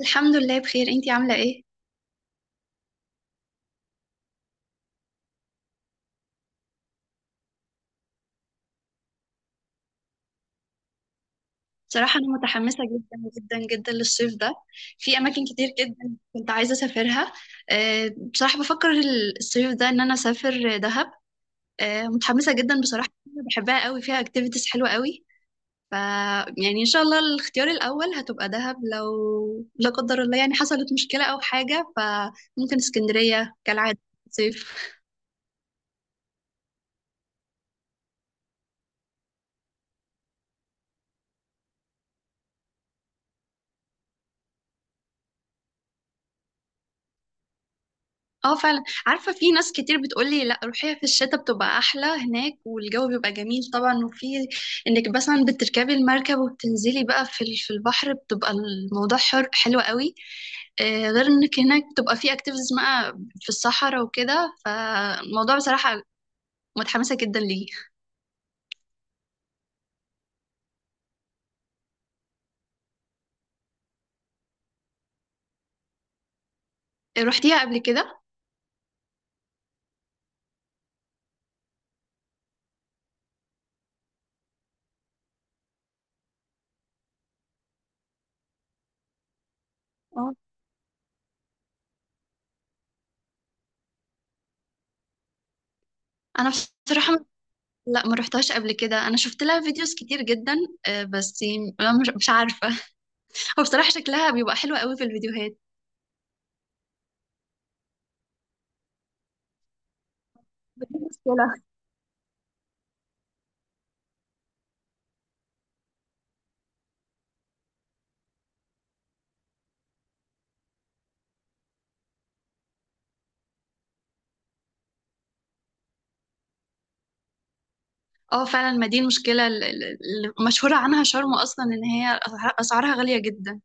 الحمد لله بخير، انتي عاملة ايه؟ بصراحة أنا متحمسة جدا جدا جدا للصيف ده. في أماكن كتير جدا كنت عايزة أسافرها. بصراحة بفكر الصيف ده إن أنا أسافر دهب. متحمسة جدا بصراحة، بحبها قوي، فيها اكتيفيتيز حلوة قوي. ف يعني إن شاء الله الاختيار الأول هتبقى دهب، لو لا قدر الله يعني حصلت مشكلة أو حاجة فممكن اسكندرية كالعادة صيف. اه فعلا عارفة، في ناس كتير بتقولي لا روحيها في الشتاء بتبقى أحلى هناك، والجو بيبقى جميل طبعا، وفي انك مثلا بتركبي المركب وبتنزلي بقى في البحر بتبقى الموضوع حر حلو قوي. غير انك هناك بتبقى في اكتيفيتيز بقى في الصحراء وكده، فالموضوع بصراحة متحمسة جدا ليه. روحتيها قبل كده؟ اه انا بصراحة لا، ما روحتهاش قبل كده، انا شفت لها فيديوز كتير جدا. بس مش عارفة. هو بصراحة شكلها بيبقى حلو قوي في الفيديوهات. دي مشكلة. اه فعلا، ما دي المشكلة المشهورة عنها شرم أصلا، إن هي أسعارها غالية جدا.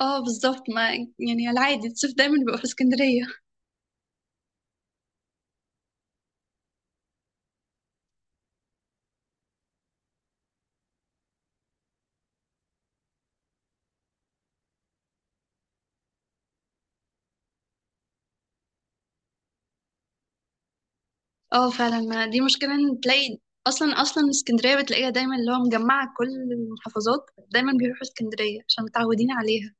اه بالظبط، ما يعني العادي الصيف دايما بيبقى في اسكندرية. اه فعلا ما دي مشكلة إن تلاقي أصلا، أصلا اسكندرية بتلاقيها دايما اللي هو مجمعة كل المحافظات دايما بيروحوا اسكندرية عشان متعودين عليها.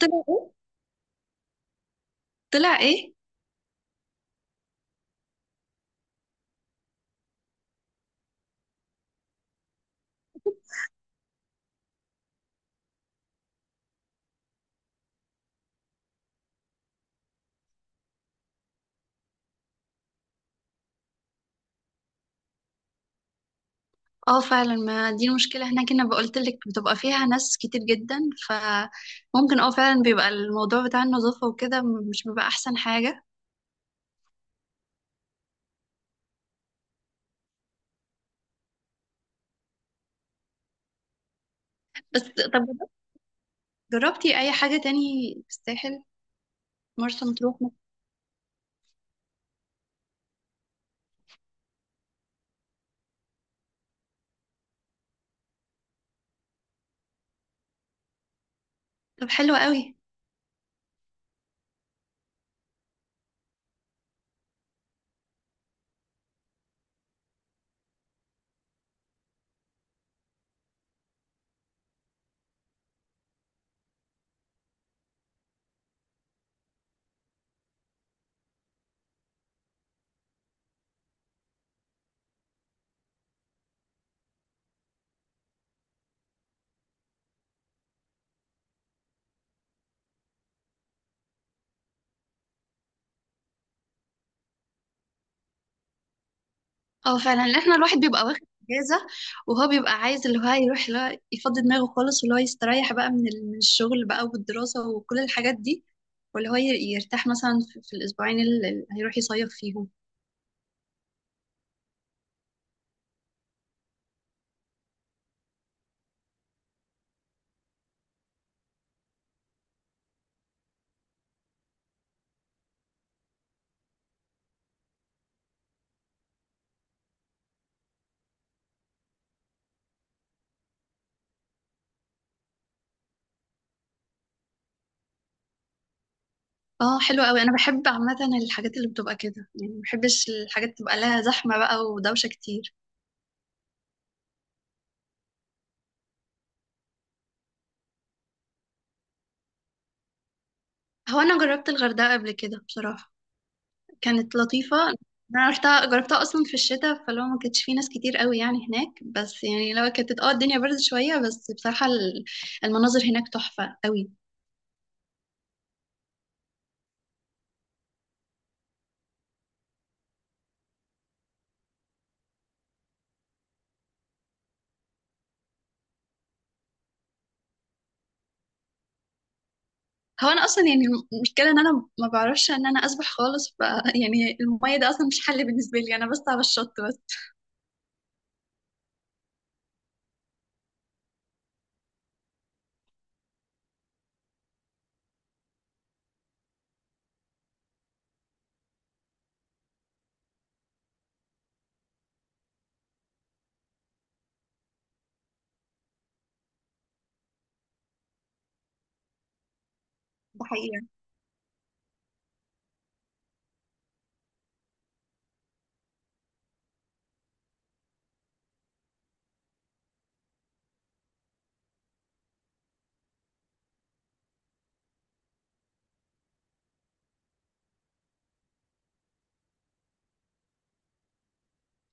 طلع ايه؟ طلع ايه؟ اه فعلا ما دي المشكلة هناك، انا بقولت لك بتبقى فيها ناس كتير جدا، فممكن اه فعلا بيبقى الموضوع بتاع النظافة وكده مش بيبقى احسن حاجة. بس طب جربتي اي حاجة تاني في الساحل؟ مرسى مطروح؟ طب حلو قوي. اه فعلا، لأن احنا الواحد بيبقى واخد اجازة وهو بيبقى عايز اللي هو يروح اللي هو يفضي دماغه خالص واللي هو يستريح بقى من الشغل بقى والدراسة وكل الحاجات دي، واللي هو ي- يرتاح مثلا في الأسبوعين اللي هيروح يصيف فيهم. اه حلو قوي، انا بحب عامة الحاجات اللي بتبقى كده، يعني ما بحبش الحاجات تبقى لها زحمة بقى ودوشة كتير. هو انا جربت الغردقة قبل كده بصراحة، كانت لطيفة. انا رحتها، جربتها اصلا في الشتاء، فلو ما كانتش في ناس كتير قوي يعني هناك، بس يعني لو كانت اه الدنيا برد شوية، بس بصراحة المناظر هناك تحفة قوي. هو انا اصلا يعني المشكلة ان انا ما بعرفش ان انا اسبح خالص، يعني المية ده اصلا مش حل بالنسبة لي انا، بس على الشط بس. ده حقيقة.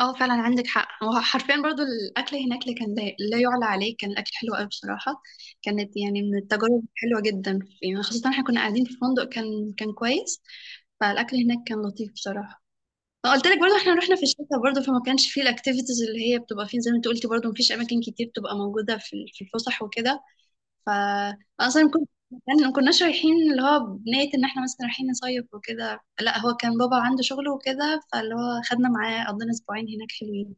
اه فعلا عندك حق، هو حرفيا برضو الاكل هناك اللي كان لا لا يعلى عليه، كان الاكل حلو قوي بصراحة. كانت يعني من التجارب حلوة جدا، يعني خاصة احنا كنا قاعدين في فندق كان كويس، فالاكل هناك كان لطيف بصراحه. قلت لك برضه احنا رحنا في الشتاء برضه، فما كانش فيه الاكتيفيتيز اللي هي بتبقى فين، زي ما انت قلتي برضه مفيش اماكن كتير بتبقى موجوده في الفسح وكده. ف اصلا كنت يعني ما كناش رايحين اللي هو بنية ان احنا مثلا رايحين نصيف وكده، لا هو كان بابا عنده شغل وكده، فاللي هو خدنا معاه قضينا اسبوعين هناك حلوين.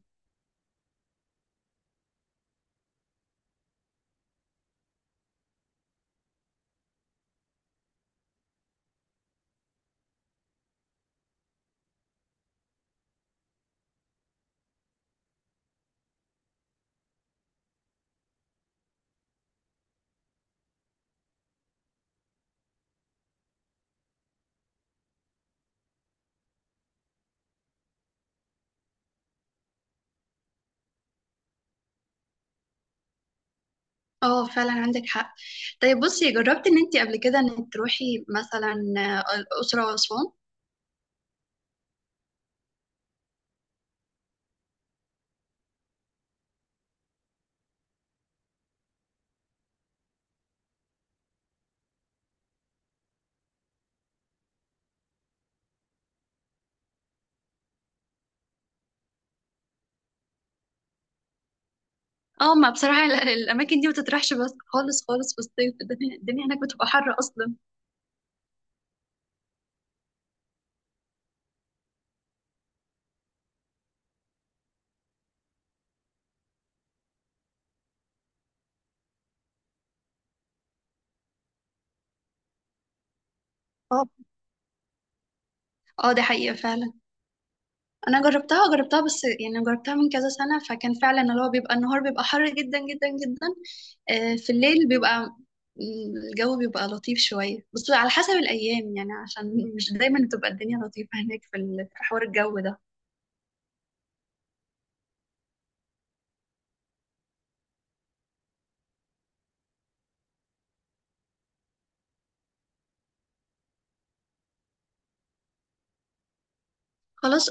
اه فعلا عندك حق. طيب بصي، جربتي ان انت قبل كده ان تروحي مثلا الاسره واسوان؟ اه، ما بصراحة الأماكن دي ما تطرحش بس خالص خالص في الصيف، الدنيا، الدنيا هناك بتبقى حر أصلا. اه. اه دي حقيقة فعلا. أنا جربتها بس يعني جربتها من كذا سنة، فكان فعلا اللي هو بيبقى النهار بيبقى حر جدا جدا جدا. في الليل بيبقى الجو بيبقى لطيف شوية، بس على حسب الأيام يعني، عشان مش دايما بتبقى الدنيا لطيفة هناك في حوار الجو ده. خلاص،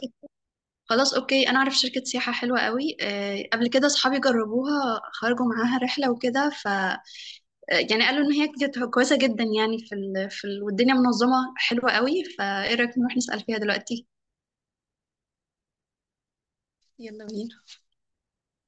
خلاص أوكي، أنا أعرف شركة سياحة حلوة قوي، قبل كده أصحابي جربوها خرجوا معاها رحلة وكده، يعني قالوا ان هي كانت كويسه جدا، يعني في والدنيا منظمه حلوه قوي، فايه رايك نروح نسال فيها دلوقتي؟ يلا بينا.